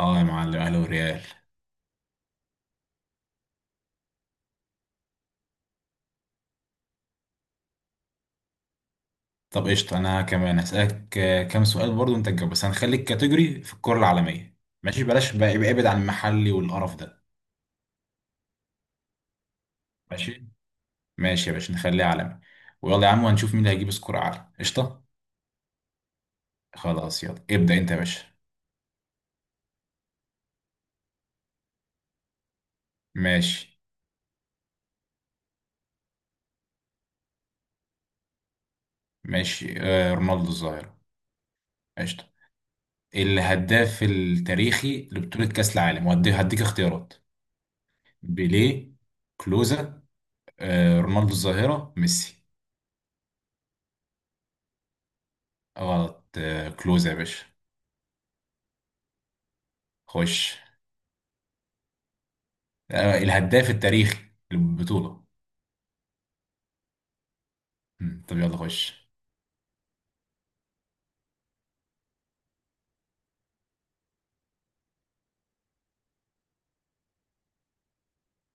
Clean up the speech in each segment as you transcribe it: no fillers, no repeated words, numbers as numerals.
اه يا معلم، اهلا وريال. طب قشطة، انا كمان هسألك كام سؤال برضو، انت تجاوب، بس هنخلي الكاتيجوري في الكرة العالمية. ماشي، بلاش بقى، يبقى ابعد عن المحلي والقرف ده. ماشي. ماشي يا باشا، نخليه عالمي. ويلا يا عم، وهنشوف مين اللي هيجيب سكور اعلى. قشطة. خلاص يلا ابدأ انت يا باشا. ماشي. ماشي آه، رونالدو الظاهرة. قشطة. الهداف التاريخي لبطولة كأس العالم، هديك اختيارات: بيليه، كلوزا، آه رونالدو الظاهرة، ميسي. غلط، آه كلوزا يا باشا. خش. الهداف التاريخي للبطولة. طب يلا خش.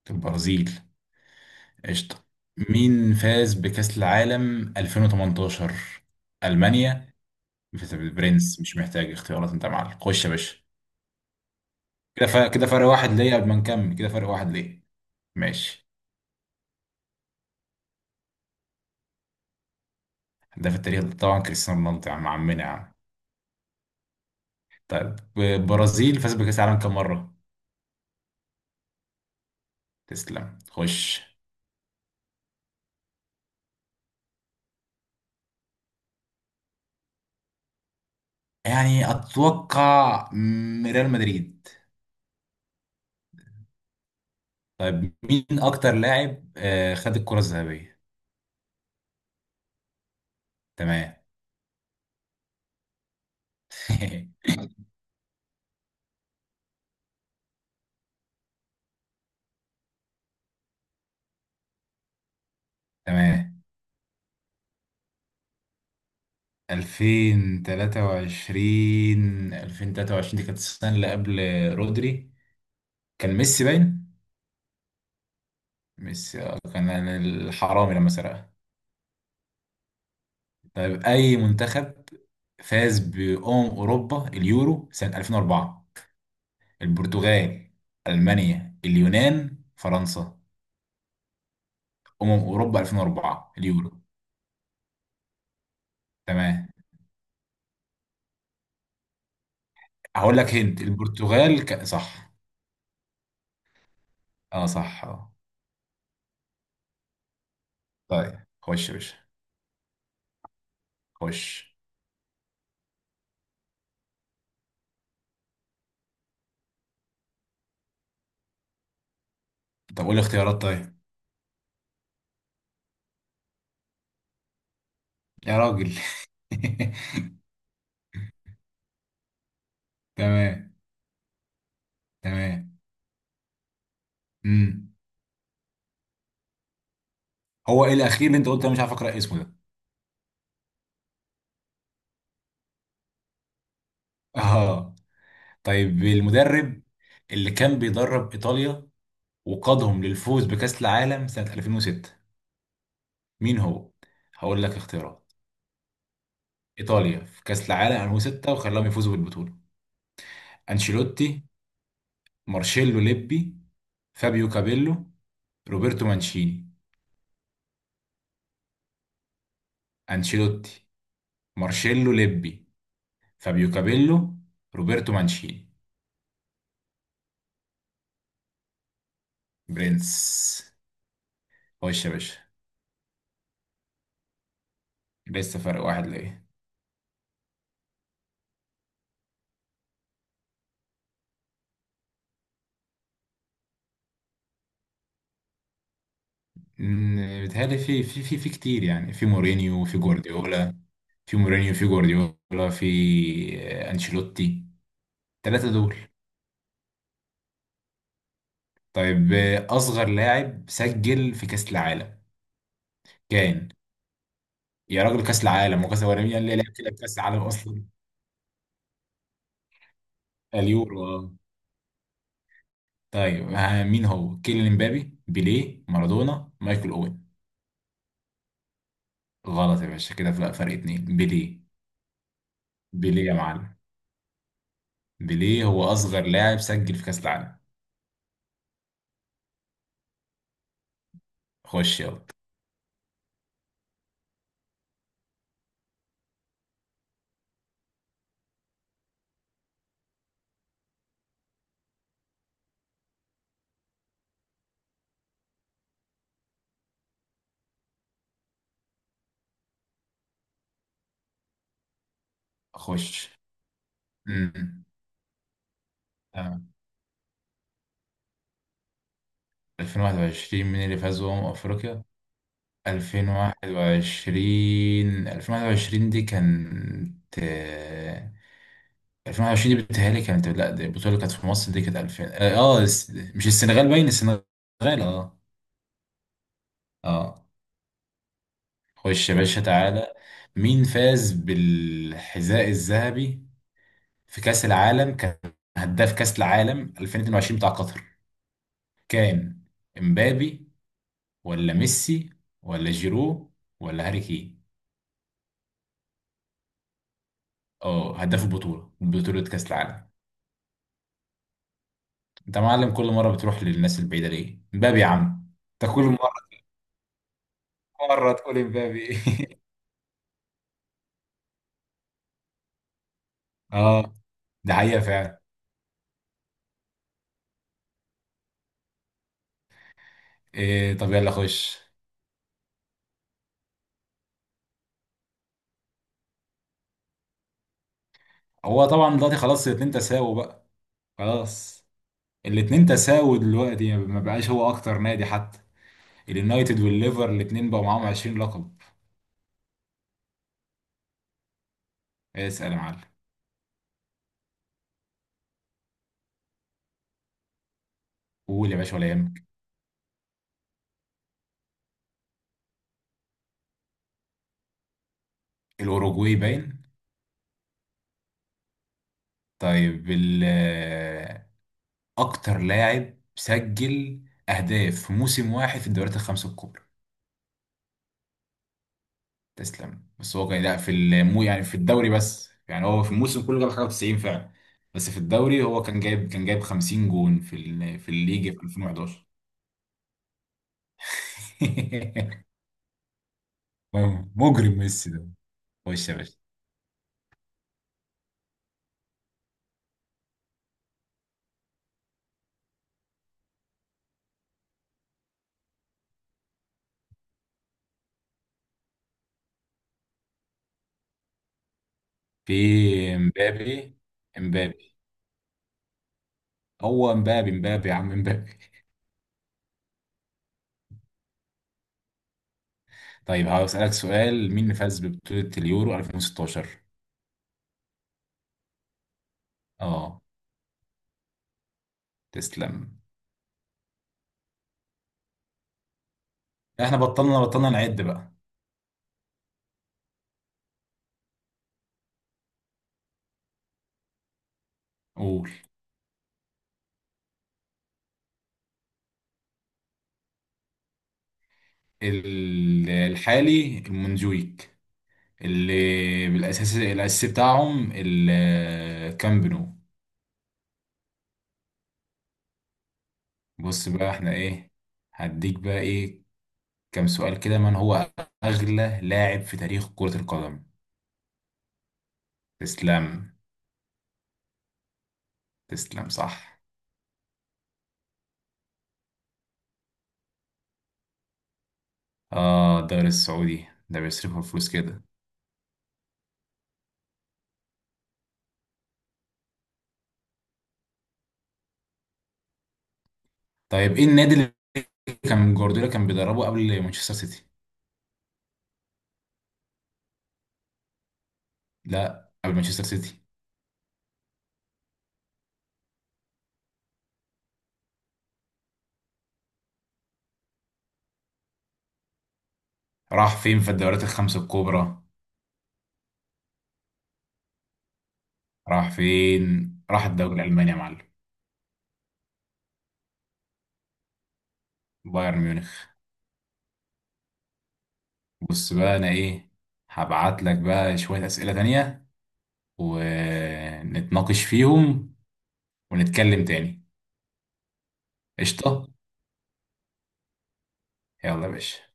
البرازيل. قشطة. مين فاز بكأس العالم 2018؟ ألمانيا. برنس، مش محتاج اختيارات انت يا معلم. خش يا باشا. كده فرق، كده فرق واحد ليا، قبل ما نكمل كده فرق واحد ليا. ماشي. هداف التاريخ ده طبعا كريستيانو رونالدو، يا عم عمنا يا عم. طيب، البرازيل فاز بكأس العالم كام مرة؟ تسلم، خش. يعني أتوقع ريال مدريد. طيب مين اكتر لاعب خد الكرة الذهبية؟ تمام. تمام. 2023، 2023 دي كانت السنة اللي قبل. رودري. كان ميسي باين. ميسي كان. الحرامي لما سرقها. طيب اي منتخب فاز بأمم اوروبا اليورو سنة 2004؟ البرتغال، المانيا، اليونان، فرنسا. اوروبا 2004 اليورو. تمام. هقول لك. هنت البرتغال، صح. اه صح اه. طيب خش يا باشا. خش. طب قول لي اختيارات طيب. يا راجل. تمام. تمام. امم. هو ايه الاخير اللي انت قلت؟ انا مش عارف اقرا اسمه ده. اه. طيب المدرب اللي كان بيدرب ايطاليا وقادهم للفوز بكاس العالم سنة 2006، مين هو؟ هقول لك اختيارات. ايطاليا في كاس العالم 2006 وخلاهم يفوزوا بالبطولة: انشيلوتي، مارشيلو ليبي، فابيو كابيلو، روبرتو مانشيني. انشيلوتي، مارشيلو ليبي، فابيو كابيلو، روبرتو مانشيني. برنس. خش يا باشا. لسه فرق واحد ليه. مم، بيتهيألي في كتير يعني، في مورينيو، في جوارديولا، في مورينيو، في جوارديولا، في أنشيلوتي. التلاتة دول. طيب أصغر لاعب سجل في كأس العالم كان. يا راجل، كأس العالم؟ وكأس، ولا مين اللي لعب كده في كأس العالم أصلا؟ اليورو آه. طيب مين هو؟ كيليان امبابي، بيليه، مارادونا، مايكل أوين. غلط يا باشا، كده فرق، فرق اتنين. بيليه، بيليه يا معلم. بيليه هو أصغر لاعب سجل في كأس العالم. خش يلا. خش. امم. تمام. 2021 مين اللي فاز بأمم أفريقيا؟ 2021، 2021 دي كانت 2021 دي بتهيألي كانت، لا دي البطولة اللي كانت في مصر، دي كانت 2000 اه مش السنغال، باين السنغال. اه. اه. خش يا باشا تعالى. مين فاز بالحذاء الذهبي في كأس العالم كان، هداف كأس العالم 2022 بتاع قطر كان؟ امبابي، ولا ميسي، ولا جيرو، ولا هاري كين؟ اه، هداف البطولة، بطولة كأس العالم. انت معلم، كل مرة بتروح للناس البعيدة ليه؟ امبابي يا عم. انت كل مرة، مرة تقول امبابي. اه. ده حقيقة فعلا. إيه، طب يلا خش. هو طبعا دلوقتي خلاص الاتنين تساووا بقى. خلاص، الاتنين تساووا دلوقتي، ما بقاش هو اكتر نادي حتى. اليونايتد والليفر الاتنين بقوا معاهم 20 لقب. اسأل يا معلم. قول يا باشا، ولا يهمك. الأوروجواي باين. طيب أكتر لاعب سجل أهداف في موسم واحد في الدوريات الخمسة الكبرى. تسلم. بس هو كان، لا في يعني في الدوري بس، يعني هو في الموسم كله جاب حاجة 90 فعلا. بس في الدوري هو كان جايب، كان جايب 50 جون في في الليج في 2011. مجرم ميسي ده. خش يا باشا. في امبابي، امبابي. هو امبابي، امبابي يا عم، امبابي. طيب هقول اسالك سؤال، مين اللي فاز ببطولة اليورو 2016؟ اه. تسلم. احنا بطلنا نعد بقى. قول. الحالي المنجويك، اللي بالاساس الاساسي بتاعهم الكامب نو. بص بقى احنا ايه، هديك بقى ايه كام سؤال كده. من هو اغلى لاعب في تاريخ كرة القدم؟ تسلم. تسلم صح. اه، الدوري السعودي ده بيصرفوا فلوس كده. طيب ايه النادي كان جوارديولا كان بيدربه قبل مانشستر سيتي؟ لا، قبل مانشستر سيتي. راح فين في الدوريات الخمسة الكبرى؟ راح فين؟ راح الدوري الألماني يا معلم. بايرن ميونخ. بص بقى أنا إيه، هبعت لك بقى شوية أسئلة تانية ونتناقش فيهم ونتكلم تاني. قشطة. يلا يا باشا.